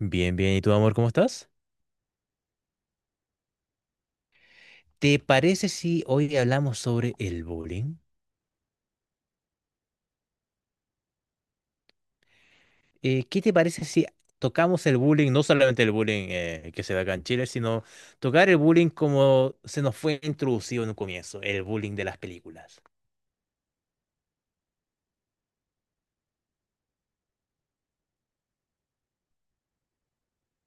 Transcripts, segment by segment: Bien, bien. ¿Y tú, amor, cómo estás? ¿Te parece si hoy hablamos sobre el bullying? ¿Qué te parece si tocamos el bullying, no solamente el bullying que se da acá en Chile, sino tocar el bullying como se nos fue introducido en un comienzo, el bullying de las películas?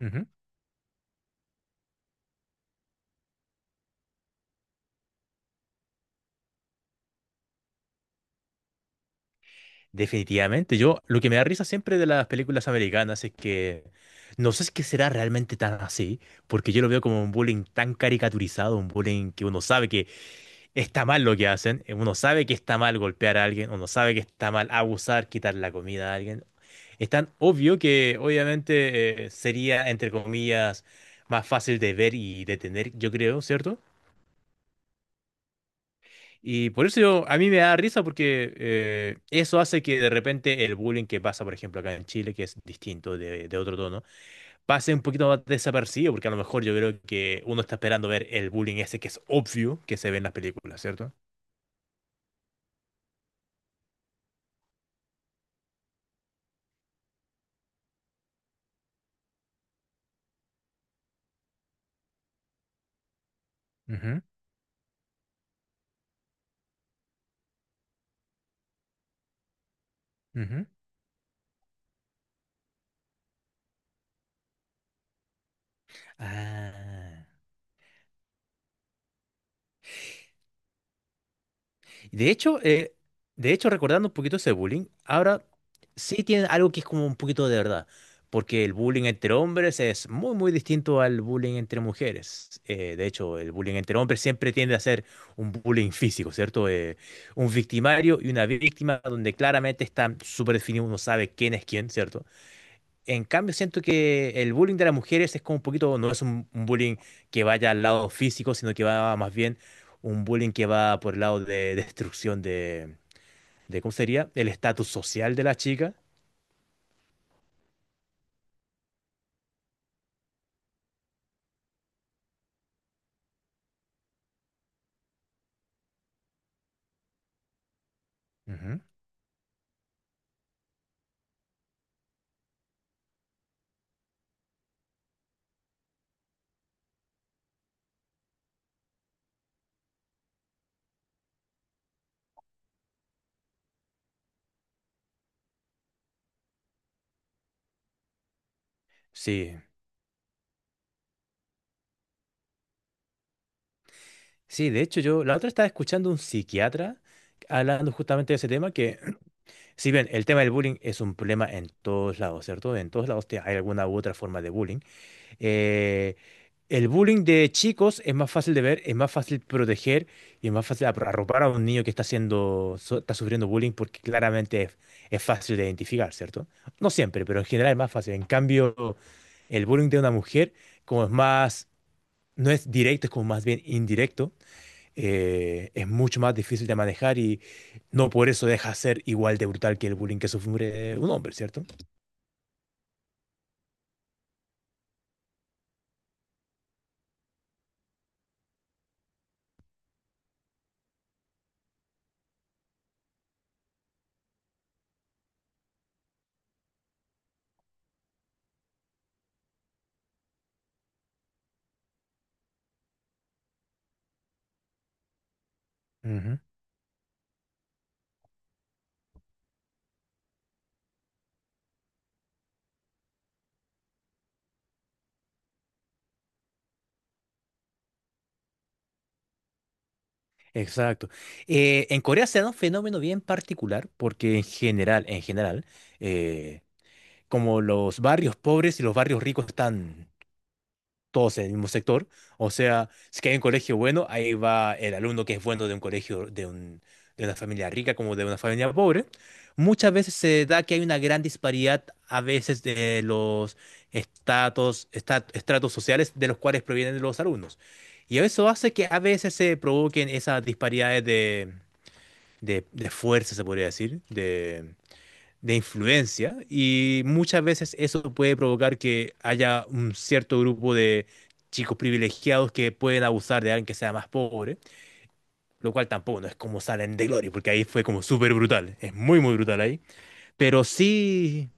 Ujú. Definitivamente, yo lo que me da risa siempre de las películas americanas es que no sé si que será realmente tan así, porque yo lo veo como un bullying tan caricaturizado, un bullying que uno sabe que está mal lo que hacen. Uno sabe que está mal golpear a alguien, uno sabe que está mal abusar, quitar la comida a alguien. Es tan obvio que obviamente sería, entre comillas, más fácil de ver y detener, yo creo, ¿cierto? Y por eso a mí me da risa porque eso hace que de repente el bullying que pasa, por ejemplo, acá en Chile, que es distinto de otro tono, pase un poquito más desapercibido, porque a lo mejor yo creo que uno está esperando ver el bullying ese que es obvio que se ve en las películas, ¿cierto? Ujú, ujú. Ah. De hecho, eh, de hecho, recordando un poquito ese bullying, ahora sí tiene algo que es como un poquito de verdad, porque el bullying entre hombres es muy, muy distinto al bullying entre mujeres. De hecho, el bullying entre hombres siempre tiende a ser un bullying físico, ¿cierto? Un victimario y una víctima donde claramente están súper definidos, uno sabe quién es quién, ¿cierto? En cambio, siento que el bullying de las mujeres es como un poquito, no es un bullying que vaya al lado físico, sino que va más bien un bullying que va por el lado de destrucción de ¿cómo sería? El estatus social de la chica. Ujú. Sí, sí, de hecho yo la otra estaba escuchando un psiquiatra hablando justamente de ese tema, que si bien el tema del bullying es un problema en todos lados, ¿cierto? En todos lados hay alguna u otra forma de bullying. Eh, el bullying de chicos es más fácil de ver, es más fácil proteger y es más fácil arropar a un niño que está haciendo, está sufriendo bullying porque claramente es fácil de identificar, ¿cierto? No siempre, pero en general es más fácil. En cambio, el bullying de una mujer, como es más, no es directo, es como más bien indirecto, es mucho más difícil de manejar y no por eso deja de ser igual de brutal que el bullying que sufre un hombre, ¿cierto? Exacto. En Corea se da un fenómeno bien particular porque en general, eh, como los barrios pobres y los barrios ricos están todos en el mismo sector. O sea, si que hay un colegio bueno, ahí va el alumno que es bueno de un colegio, de una familia rica como de una familia pobre. Muchas veces se da que hay una gran disparidad a veces de los estatus, estratos sociales de los cuales provienen los alumnos. Y eso hace que a veces se provoquen esas disparidades de fuerza, se podría decir, de influencia y muchas veces eso puede provocar que haya un cierto grupo de chicos privilegiados que pueden abusar de alguien que sea más pobre, lo cual tampoco no es como salen de Gloria, porque ahí fue como súper brutal, es muy muy brutal ahí, pero sí,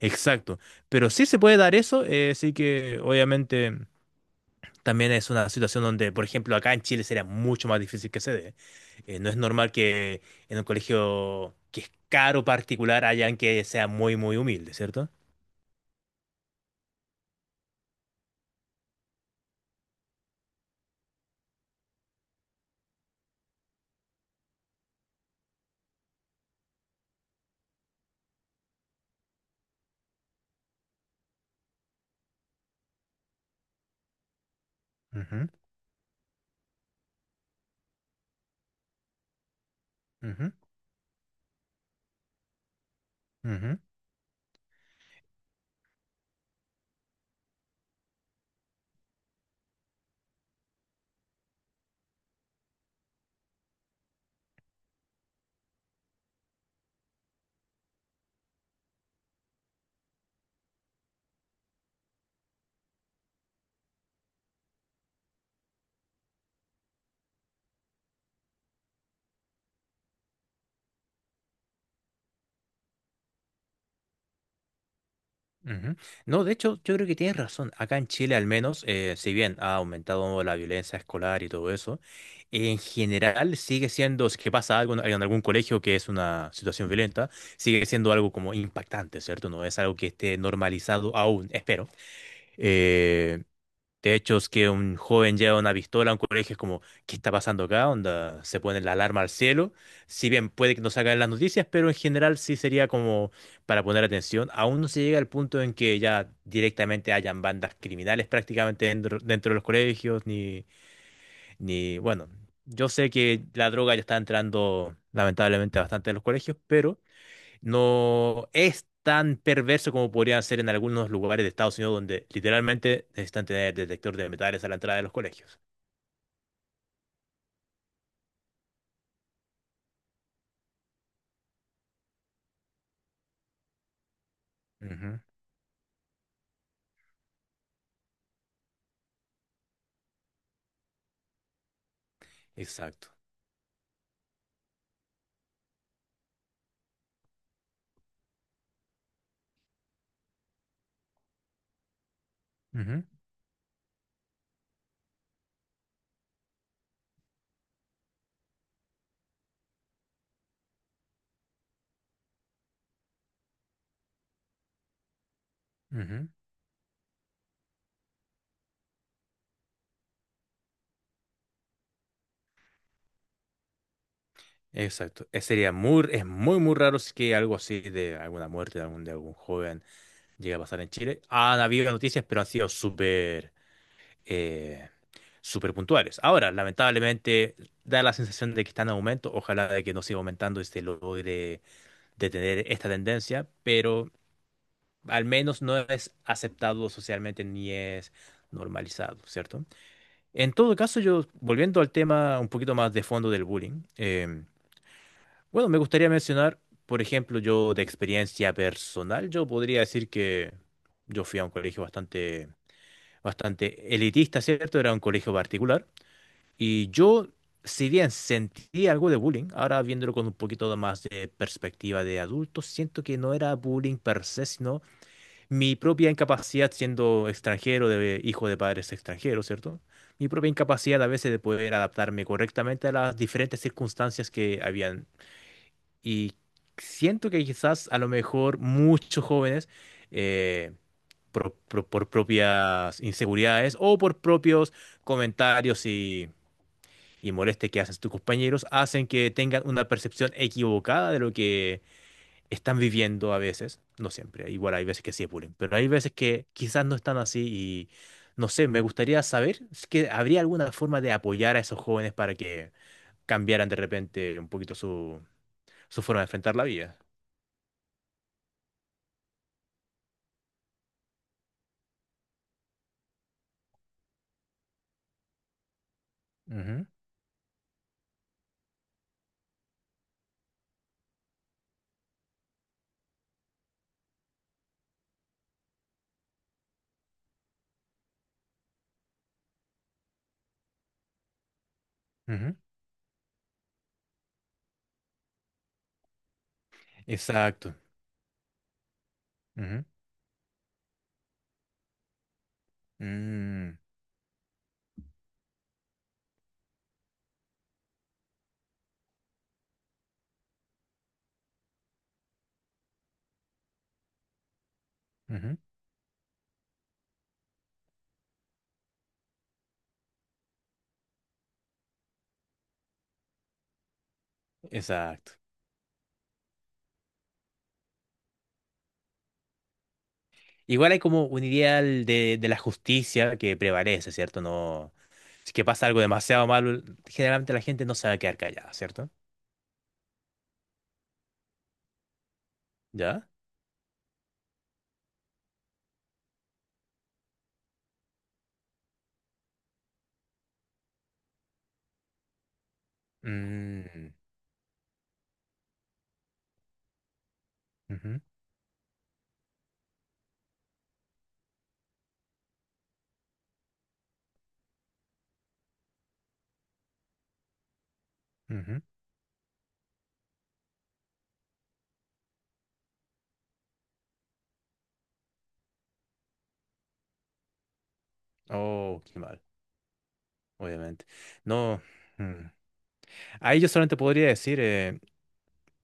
exacto, pero sí se puede dar eso, sí que obviamente también es una situación donde, por ejemplo, acá en Chile sería mucho más difícil que se dé. No es normal que en un colegio que es caro particular haya alguien que sea muy muy humilde, ¿cierto? Ujú, ujú, ujú, ujú. No, de hecho, yo creo que tienes razón. Acá en Chile, al menos, si bien ha aumentado la violencia escolar y todo eso, en general sigue siendo, si es que pasa algo en algún colegio que es una situación violenta, sigue siendo algo como impactante, ¿cierto? No es algo que esté normalizado aún, espero. Eh, De hecho, es que un joven lleva una pistola a un colegio, es como, ¿qué está pasando acá? Onda, se pone la alarma al cielo. Si bien puede que no salga en las noticias, pero en general sí sería como para poner atención. Aún no se llega al punto en que ya directamente hayan bandas criminales prácticamente dentro de los colegios, ni, ni, bueno, yo sé que la droga ya está entrando lamentablemente bastante en los colegios, pero no es tan perverso como podría ser en algunos lugares de Estados Unidos donde literalmente necesitan tener detector de metales a la entrada de los colegios. Ujú, exacto. Ujú, ujú, exacto. Es, sería muy, es muy, muy raro si que algo así de alguna muerte de algún joven llegue a pasar en Chile. Han habido noticias, pero han sido súper eh, súper puntuales. Ahora, lamentablemente, da la sensación de que está en aumento. Ojalá de que no siga aumentando y se logre detener esta tendencia, pero al menos no es aceptado socialmente ni es normalizado, ¿cierto? En todo caso, yo, volviendo al tema un poquito más de fondo del bullying, bueno, me gustaría mencionar, por ejemplo, yo de experiencia personal, yo podría decir que yo fui a un colegio bastante, bastante elitista, ¿cierto? Era un colegio particular y yo, si bien sentí algo de bullying, ahora viéndolo con un poquito más de perspectiva de adulto, siento que no era bullying per se, sino mi propia incapacidad siendo extranjero, de, hijo de padres extranjeros, ¿cierto? Mi propia incapacidad a veces de poder adaptarme correctamente a las diferentes circunstancias que habían. Y siento que quizás a lo mejor muchos jóvenes, eh, por propias inseguridades o por propios comentarios y molestias que hacen tus compañeros, hacen que tengan una percepción equivocada de lo que están viviendo a veces, no siempre, igual hay veces que sí apuren, pero hay veces que quizás no están así y no sé, me gustaría saber si que habría alguna forma de apoyar a esos jóvenes para que cambiaran de repente un poquito su, forma de enfrentar la vida. Ujú, ujú, exacto. Ujú, mm, ujú, exacto. Igual hay como un ideal de la justicia que prevalece, ¿cierto? No, si que pasa algo demasiado malo, generalmente la gente no se va a quedar callada, ¿cierto? ¿Ya? Mm, ujú, ujú. Oh, qué mal, obviamente. No, mm. Ahí yo solamente podría decir eh,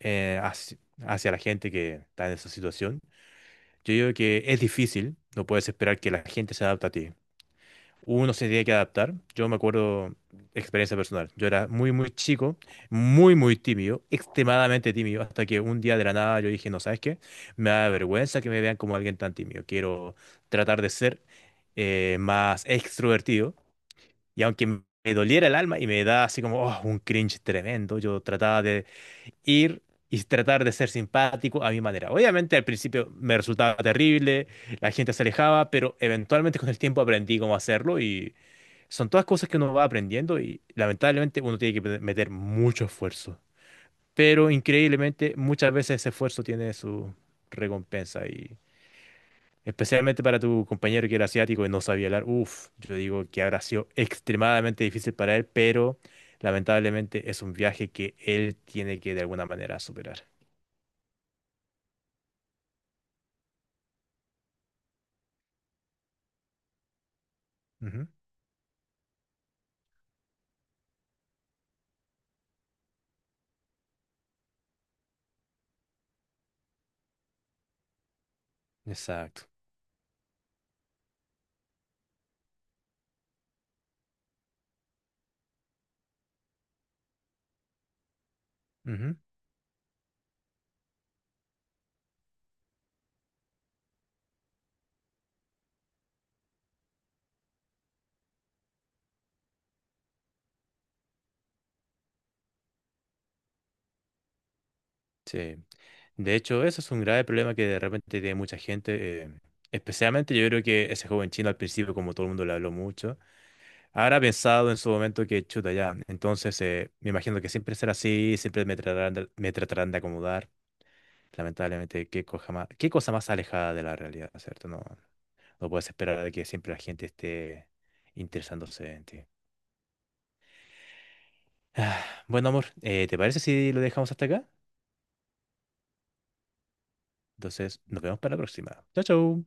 eh, hacia, hacia la gente que está en esa situación, yo digo que es difícil, no puedes esperar que la gente se adapte a ti. Uno se tiene que adaptar. Yo me acuerdo, experiencia personal, yo era muy, muy chico, muy, muy tímido, extremadamente tímido, hasta que un día de la nada yo dije, no, ¿sabes qué? Me da vergüenza que me vean como alguien tan tímido. Quiero tratar de ser más extrovertido. Y aunque me doliera el alma y me da así como oh, un cringe tremendo, yo trataba de ir y tratar de ser simpático a mi manera. Obviamente al principio me resultaba terrible, la gente se alejaba, pero eventualmente con el tiempo aprendí cómo hacerlo y son todas cosas que uno va aprendiendo y lamentablemente uno tiene que meter mucho esfuerzo. Pero increíblemente muchas veces ese esfuerzo tiene su recompensa. Especialmente para tu compañero que era asiático y no sabía hablar. Uf, yo digo que habrá sido extremadamente difícil para él, pero lamentablemente es un viaje que él tiene que de alguna manera superar. Ujú, exacto. Ujú, sí. De hecho, eso es un grave problema que de repente tiene mucha gente. Especialmente yo creo que ese joven chino al principio, como todo el mundo le habló mucho, habrá pensado en su momento que chuta ya. Entonces, me imagino que siempre será así, siempre me tratarán de acomodar. Lamentablemente, qué cosa más alejada de la realidad, ¿cierto? No, no puedes esperar de que siempre la gente esté interesándose en ti. Ah, bueno, amor, ¿te parece si lo dejamos hasta acá? Entonces, nos vemos para la próxima. Chao, chao.